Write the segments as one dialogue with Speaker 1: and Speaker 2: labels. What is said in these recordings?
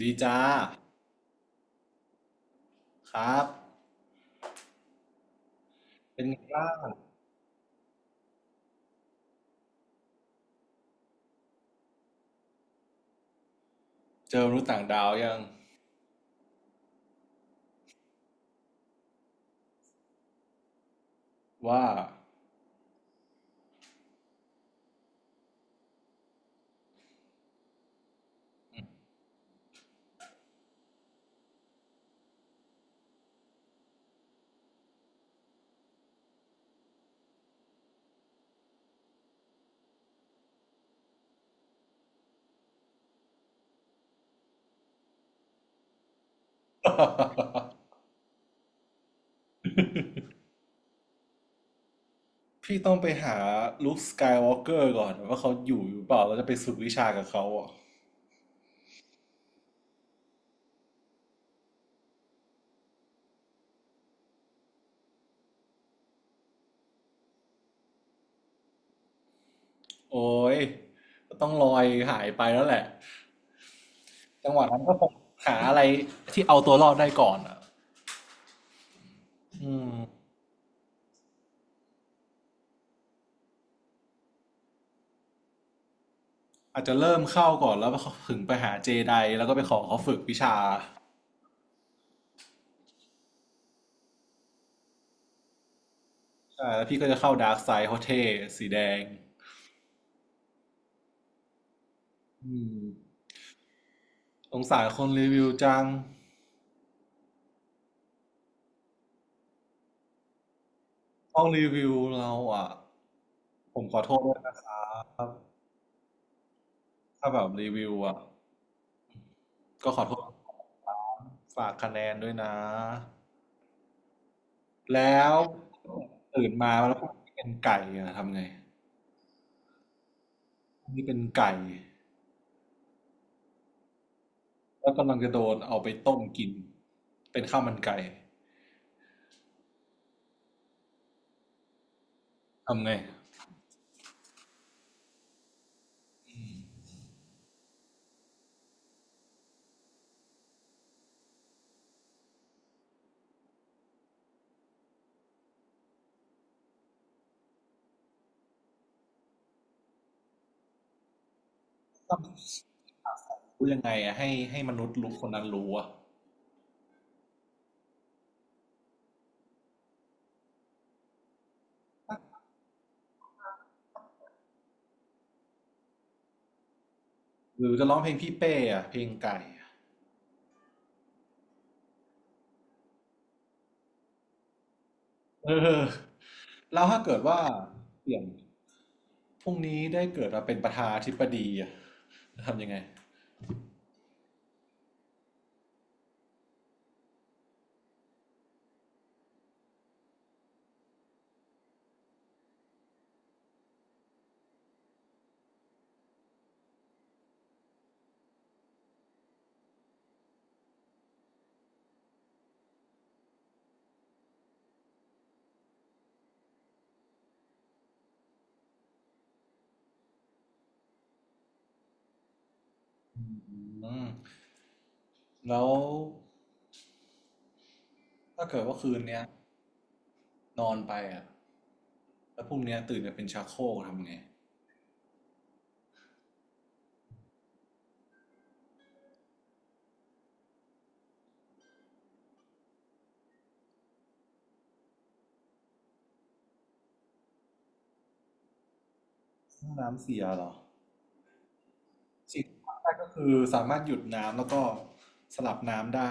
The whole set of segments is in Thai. Speaker 1: ดีจ้าครับเป็นไงบ้างเจอมนุษย์ต่างดาวยังว่า พี่ต้องไปหาลุคสกายวอล์กเกอร์ก่อนว่าเขาอยู่หรือเปล่าเราจะไปฝึกวิชากับเขาอ่ะโอ้ยต้องลอยหายไปแล้วแหละจังหวะนั้นก็คงหาอะไรที่เอาตัวรอดได้ก่อนอ่ะอืมอาจจะเริ่มเข้าก่อนแล้วก็ถึงไปหาเจไดแล้วก็ไปขอเขาฝึกวิชาใช่แล้วพี่ก็จะเข้าดาร์กไซด์เขาเท่สีแดงอืมสงสารคนรีวิวจัง ห้องรีวิวเราอ่ะผมขอโทษด้วยนะครับถ้าแบบรีวิวอ่ะก็ขอโทษฝากคะแนนด้วยนะแล้วตื่นมาแล้วที่เป็นไก่อะทำไงนี่เป็นไก่แล้วกำลังจะโดนเอาไปต้มกินเป็นข้าวมันไก่ทำไงรู้ยังไงอ่ะให้มนุษย์รู้คนนั้นรู้อ่ะหรือจะร้องเพลงพี่เป้อ่ะเพลงไก่อะเออแล้วถ้าเกิดว่าเปลี่ยนพรุ่งนี้ได้เกิดมาเป็นประธานาธิบดีอ่ะจะทำยังไง อืมแล้วถ้าเกิดว่าคืนเนี้ยนอนไปอ่ะแล้วพรุ่งเนี้ยตื่นมาเป็นชักโครกทำไงห้องน้ำเสียเหรอสิ่งที่ทำได้ก็คือสามารถหยุดน้ำแล้วก็สลับน้ำได้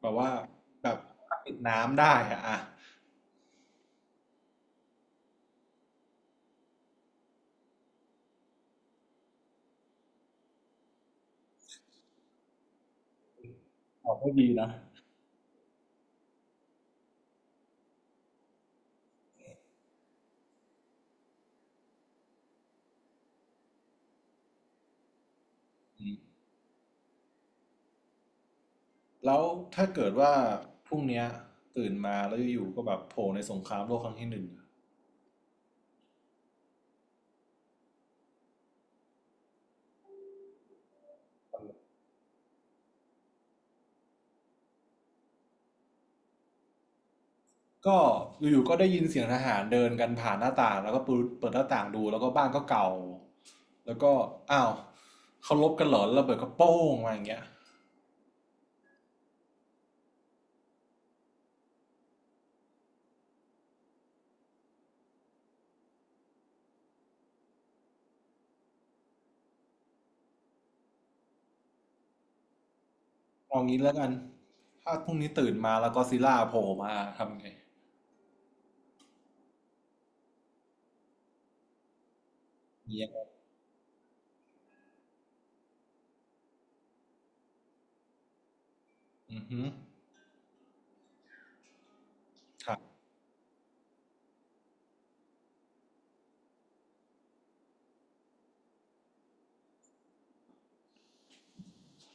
Speaker 1: แบบว่าแบบปิดน้ำได้อะอ่ะออกก็ดีนะอืมแล้วถ้าเกิดว่าพรุ่งเนี้ยตื่นมาแล้วอยู่ๆก็แบบโผล่ในสงครามโลกครั้งที่หนึ่ง ก็อยู่ๆก็ได้ยินเสียงทหารเดินกันผ่านหน้าต่างแล้วก็เปิดหน้าต่างดูแล้วก็บ้านก็เก่าแล้วก็อ้าวเขาลบกันเหรอแล้วระเบิดก็โป้งมาอย่างเงี้ยเอางี้แล้วกันถ้าพรุ่งนี้ตื่นมาแล้วก็อดซิลล่าโผล่มาทำไงเงี้ยอือฮึครับ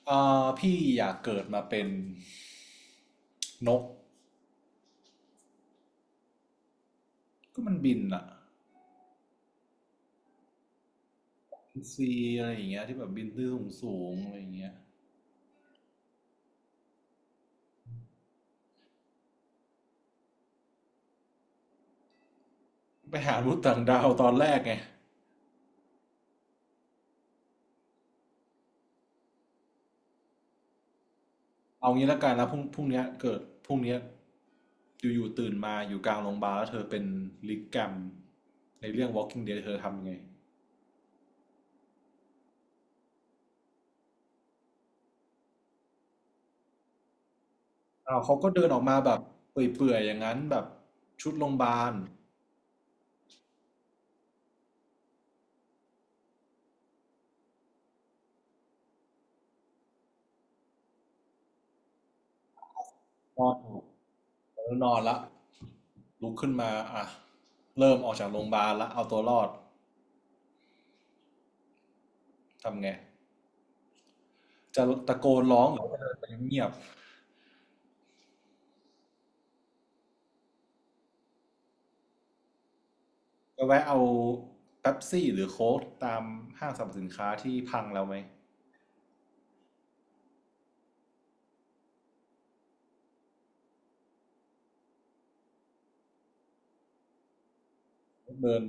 Speaker 1: พี่อยากเกิดมาเป็นนกก็มันบินอะซีอะไรอย่างเงี้ยที่แบบบินขึ้นสูงๆอะไรอย่างเงี้ยไปหามนุษย์ต่างดาวตอนแรกไง เอางี้ละกันแล้วพรุ่งเนี้ยเกิดพรุ่งเนี้ยอยู่ๆตื่นมาอยู่กลางโรงพยาบาลแล้วเธอเป็นลิกแกรมในเรื่อง Walking Dead เธอทำยังไงอ้าวเขาก็เดินออกมาแบบเปื่อยๆอย่างนั้นแบบชุดโรงพยาบาลนอนอยู่แล้วนอนละลุกขึ้นมาอ่ะเริ่มออกจากโรงพยาบาลละเอาตัวรอดทำไงจะตะโกนร้องหรือจะเดินไปเงียบๆก็แวะเอาเป๊ปซี่หรือโค้กตามห้างสรรพสินค้าที่พังแล้วไหมเดิน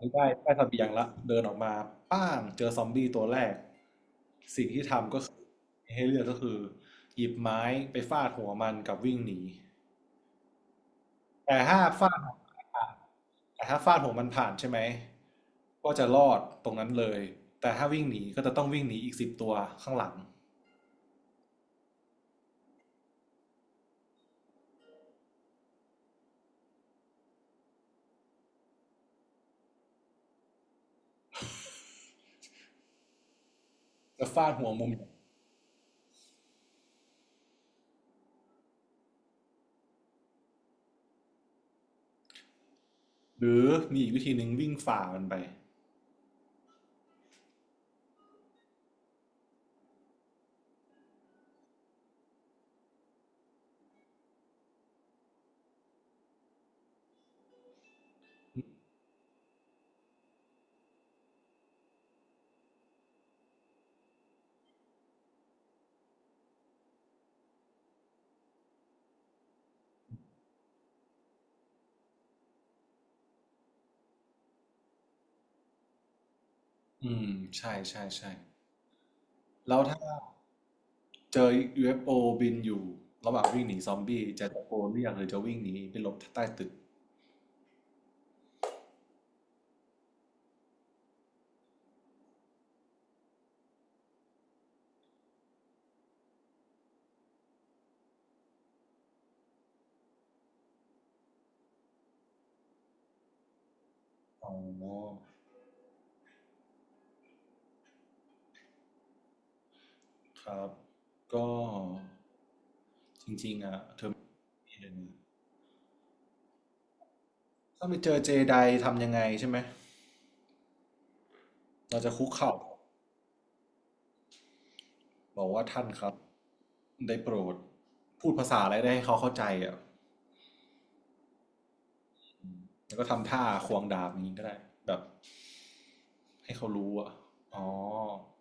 Speaker 1: น้ได้ได้เสบียงละเดินออกมาป้างเจอซอมบี้ตัวแรก สิ่งที่ทำก็คือให้เลือกก็คือหยิบไม้ไปฟาดหัวมันกับวิ่งหนี แต่ถ้าฟาดหัวมันผ่านแต่ถ้าฟาดหัวมันผ่านใช่ไหมก็จะรอดตรงนั้นเลย แต่ถ้าวิ่งหนีก็จะต้องวิ่งหนีอีกสิบตัวข้างหลังจะฟาดหัวมุมหรือมีอีกวิธีหนึ่งวิ่งฝ่ามันไปอืมใช่ใช่ใช่แล้วถ้า เจอ UFO บินอยู่ระหว่างวิ่งหนีซอมบี้ จะตะโกนเรียกหรือจะวิ่งหนีไปหลบใต้ตึก อ๋อ ครับ ก็จริงๆอ่ะเธอถ้าไปเจอเจไดทำยังไงใช่ไหม เราจะคุกเข่าบอกว่าท่านครับได้โปรดพูดภาษาอะไรได้ให้เขาเข้าใจอ่ะอืมแล้วก็ทำท่าควงดาบอย่างนี้ก็ได้แบบให้เขารู้อ่ะอ๋อ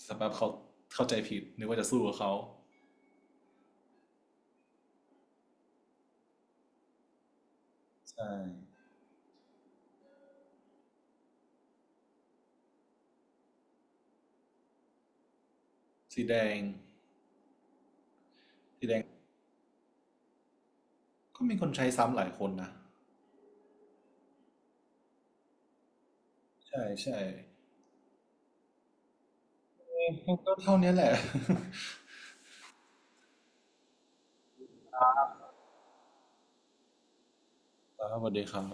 Speaker 1: สำหรับเขาเข้าใจผิดนึกว่าจะสู้กับเขาใช่สีแดง ก็มีคนใช้ซ้ำหลายคนนะใช่ใช่ก็เท่านี้แหละ ครับสวัสดีครับ